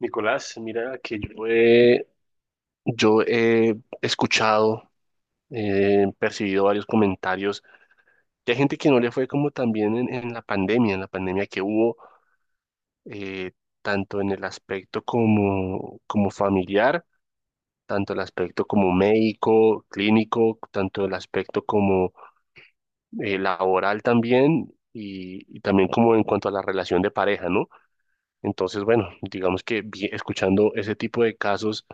Nicolás, mira que yo he escuchado, percibido varios comentarios de gente que no le fue como también en la pandemia, en la pandemia que hubo, eh, tanto en el aspecto como familiar, tanto el aspecto como médico, clínico, tanto el aspecto como laboral también, y también como en cuanto a la relación de pareja, ¿no? Entonces, bueno, digamos que escuchando ese tipo de casos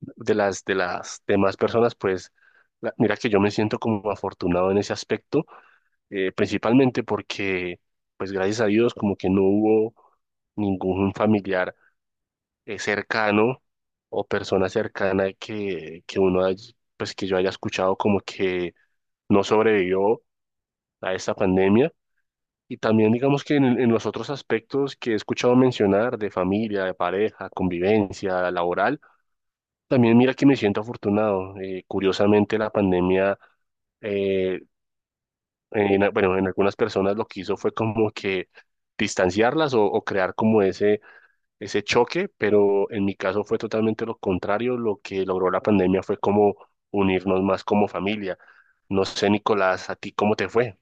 de las demás personas, pues mira que yo me siento como afortunado en ese aspecto, principalmente porque, pues gracias a Dios, como que no hubo ningún familiar cercano o persona cercana que uno pues que yo haya escuchado como que no sobrevivió a esta pandemia. Y también digamos que en los otros aspectos que he escuchado mencionar de familia, de pareja, convivencia, laboral, también mira que me siento afortunado. Curiosamente la pandemia, eh, en bueno, en algunas personas lo que hizo fue como que distanciarlas o crear como ese choque, pero en mi caso fue totalmente lo contrario. Lo que logró la pandemia fue como unirnos más como familia. No sé, Nicolás, ¿a ti cómo te fue?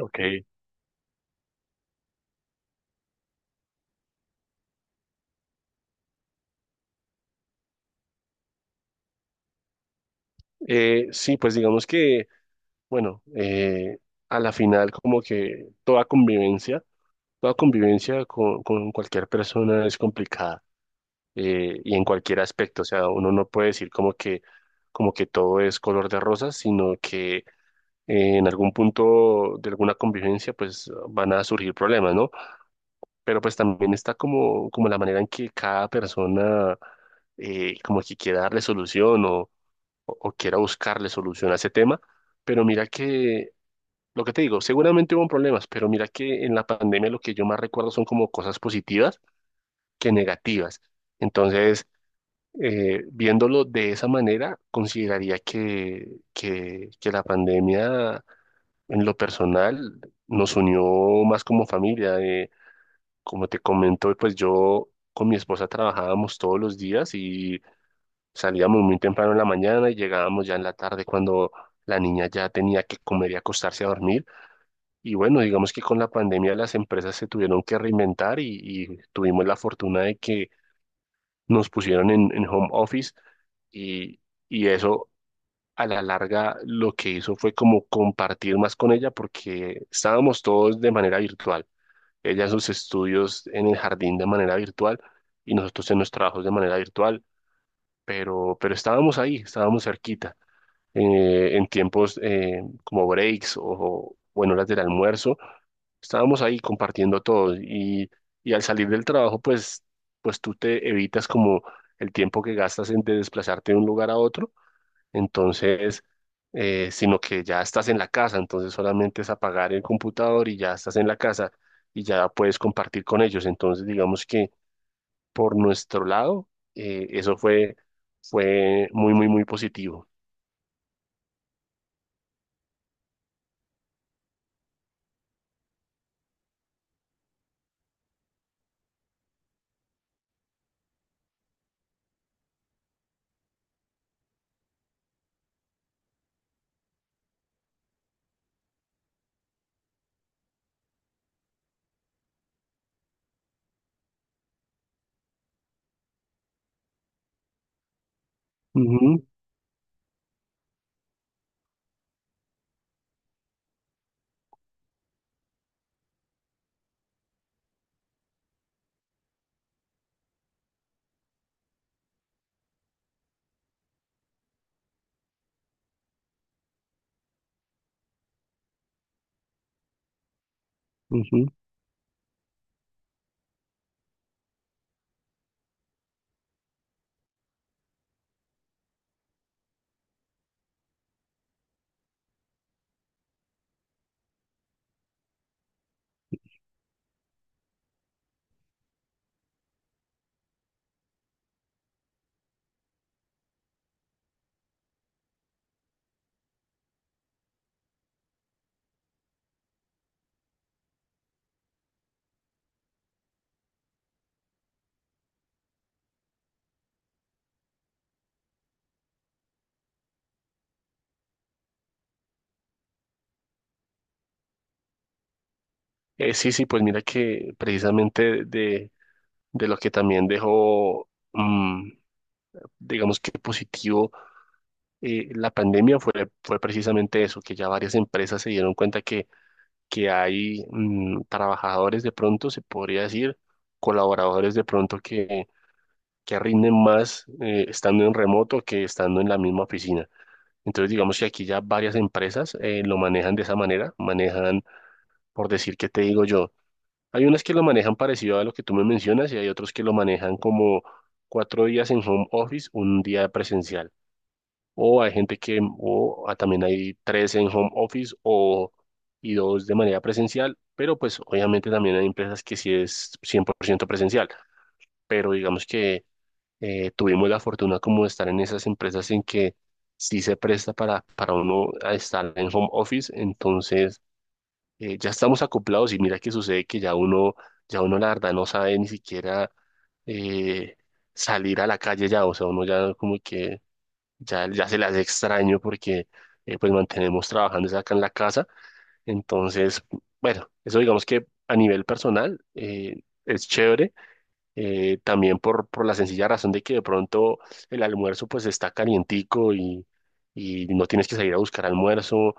Ok. Sí, pues digamos que bueno, a la final como que toda convivencia. Toda convivencia con cualquier persona es complicada, y en cualquier aspecto. O sea, uno no puede decir como que todo es color de rosas, sino que en algún punto de alguna convivencia pues van a surgir problemas, ¿no? Pero pues también está como la manera en que cada persona como que quiera darle solución o o quiera buscarle solución a ese tema. Pero lo que te digo, seguramente hubo problemas, pero mira que en la pandemia lo que yo más recuerdo son como cosas positivas que negativas. Entonces, viéndolo de esa manera, consideraría que la pandemia en lo personal nos unió más como familia. Como te comento, pues yo con mi esposa trabajábamos todos los días y salíamos muy temprano en la mañana y llegábamos ya en la tarde cuando la niña ya tenía que comer y acostarse a dormir. Y bueno, digamos que con la pandemia las empresas se tuvieron que reinventar y tuvimos la fortuna de que nos pusieron en home office y, y eso a la larga lo que hizo fue como compartir más con ella porque estábamos todos de manera virtual. Ella en sus estudios en el jardín de manera virtual y nosotros en los trabajos de manera virtual, pero estábamos ahí, estábamos cerquita, en tiempos como breaks o en horas del almuerzo. Estábamos ahí compartiendo todo y al salir del trabajo, pues tú te evitas como el tiempo que gastas en de desplazarte de un lugar a otro. Entonces, sino que ya estás en la casa, entonces solamente es apagar el computador y ya estás en la casa y ya puedes compartir con ellos. Entonces, digamos que por nuestro lado, eso fue muy positivo. Ujú, ujú. Sí, sí, pues mira que precisamente de lo que también dejó, mm, digamos que positivo, la pandemia fue precisamente eso, que ya varias empresas se dieron cuenta que hay mm, trabajadores de pronto, se podría decir, colaboradores de pronto que rinden más estando en remoto que estando en la misma oficina. Entonces, digamos que aquí ya varias empresas lo manejan de esa manera, manejan, por decir, ¿qué te digo yo? Hay unas que lo manejan parecido a lo que tú me mencionas y hay otros que lo manejan como cuatro días en home office, un día presencial. O hay gente que, o ah, también hay tres en home office y dos de manera presencial, pero pues obviamente también hay empresas que sí es 100% presencial. Pero digamos que tuvimos la fortuna como de estar en esas empresas en que sí se presta para uno a estar en home office, entonces ya estamos acoplados y mira que sucede ya uno la verdad no sabe ni siquiera eh, salir a la calle ya, o sea, uno ya como que ya se le hace extraño porque pues mantenemos trabajando es acá en la casa, entonces, bueno, eso digamos que a nivel personal es chévere, también por la sencilla razón de que de pronto el almuerzo pues está calientico y... Y no tienes que salir a buscar almuerzo,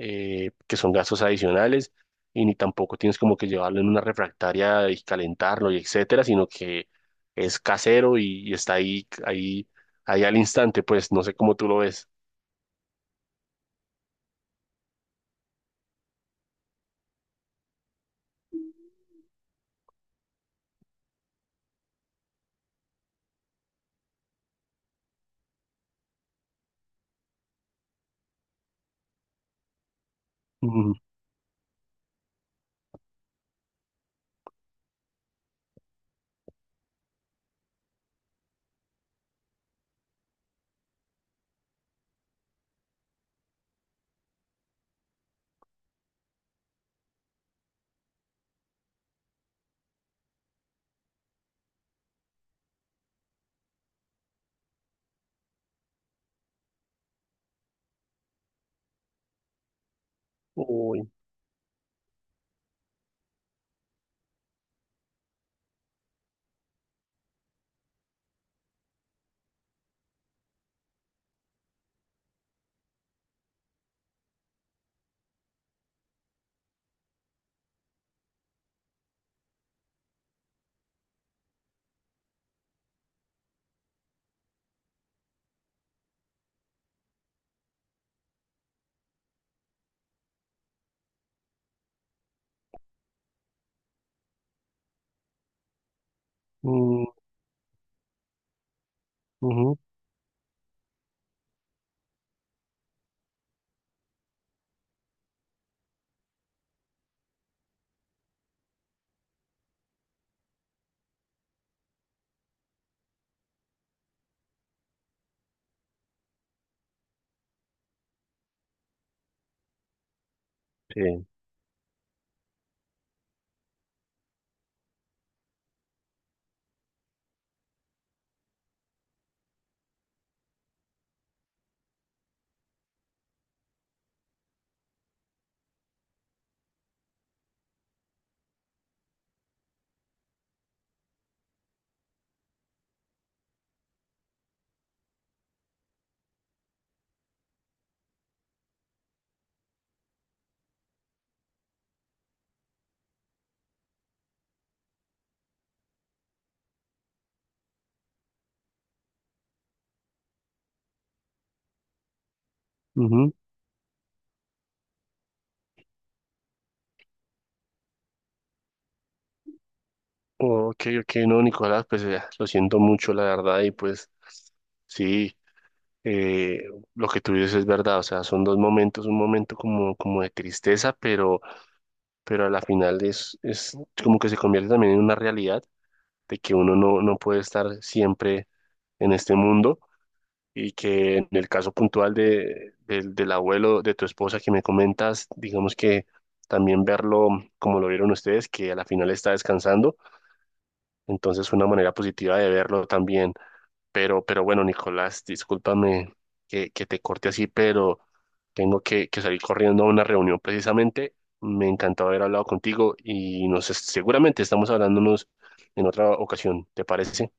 que son gastos adicionales, y ni tampoco tienes como que llevarlo en una refractaria y calentarlo y etcétera, sino que es casero y está ahí al instante, pues no sé cómo tú lo ves. Ujú. Uy, mm, ujú, sí, ujú. Ok, ok, no, Nicolás, pues lo siento mucho, la verdad, y pues sí, eh, lo que tú dices es verdad, o sea, son dos momentos, un momento como de tristeza, pero a la final es como que se convierte también en una realidad de que uno no puede estar siempre en este mundo y que en el caso puntual de, del del abuelo de tu esposa que me comentas, digamos que también verlo como lo vieron ustedes, que a la final está descansando, entonces una manera positiva de verlo también. Pero bueno, Nicolás, discúlpame que te corte así, pero tengo que salir corriendo a una reunión precisamente. Me encantó haber hablado contigo y seguramente estamos hablándonos en otra ocasión. ¿Te parece?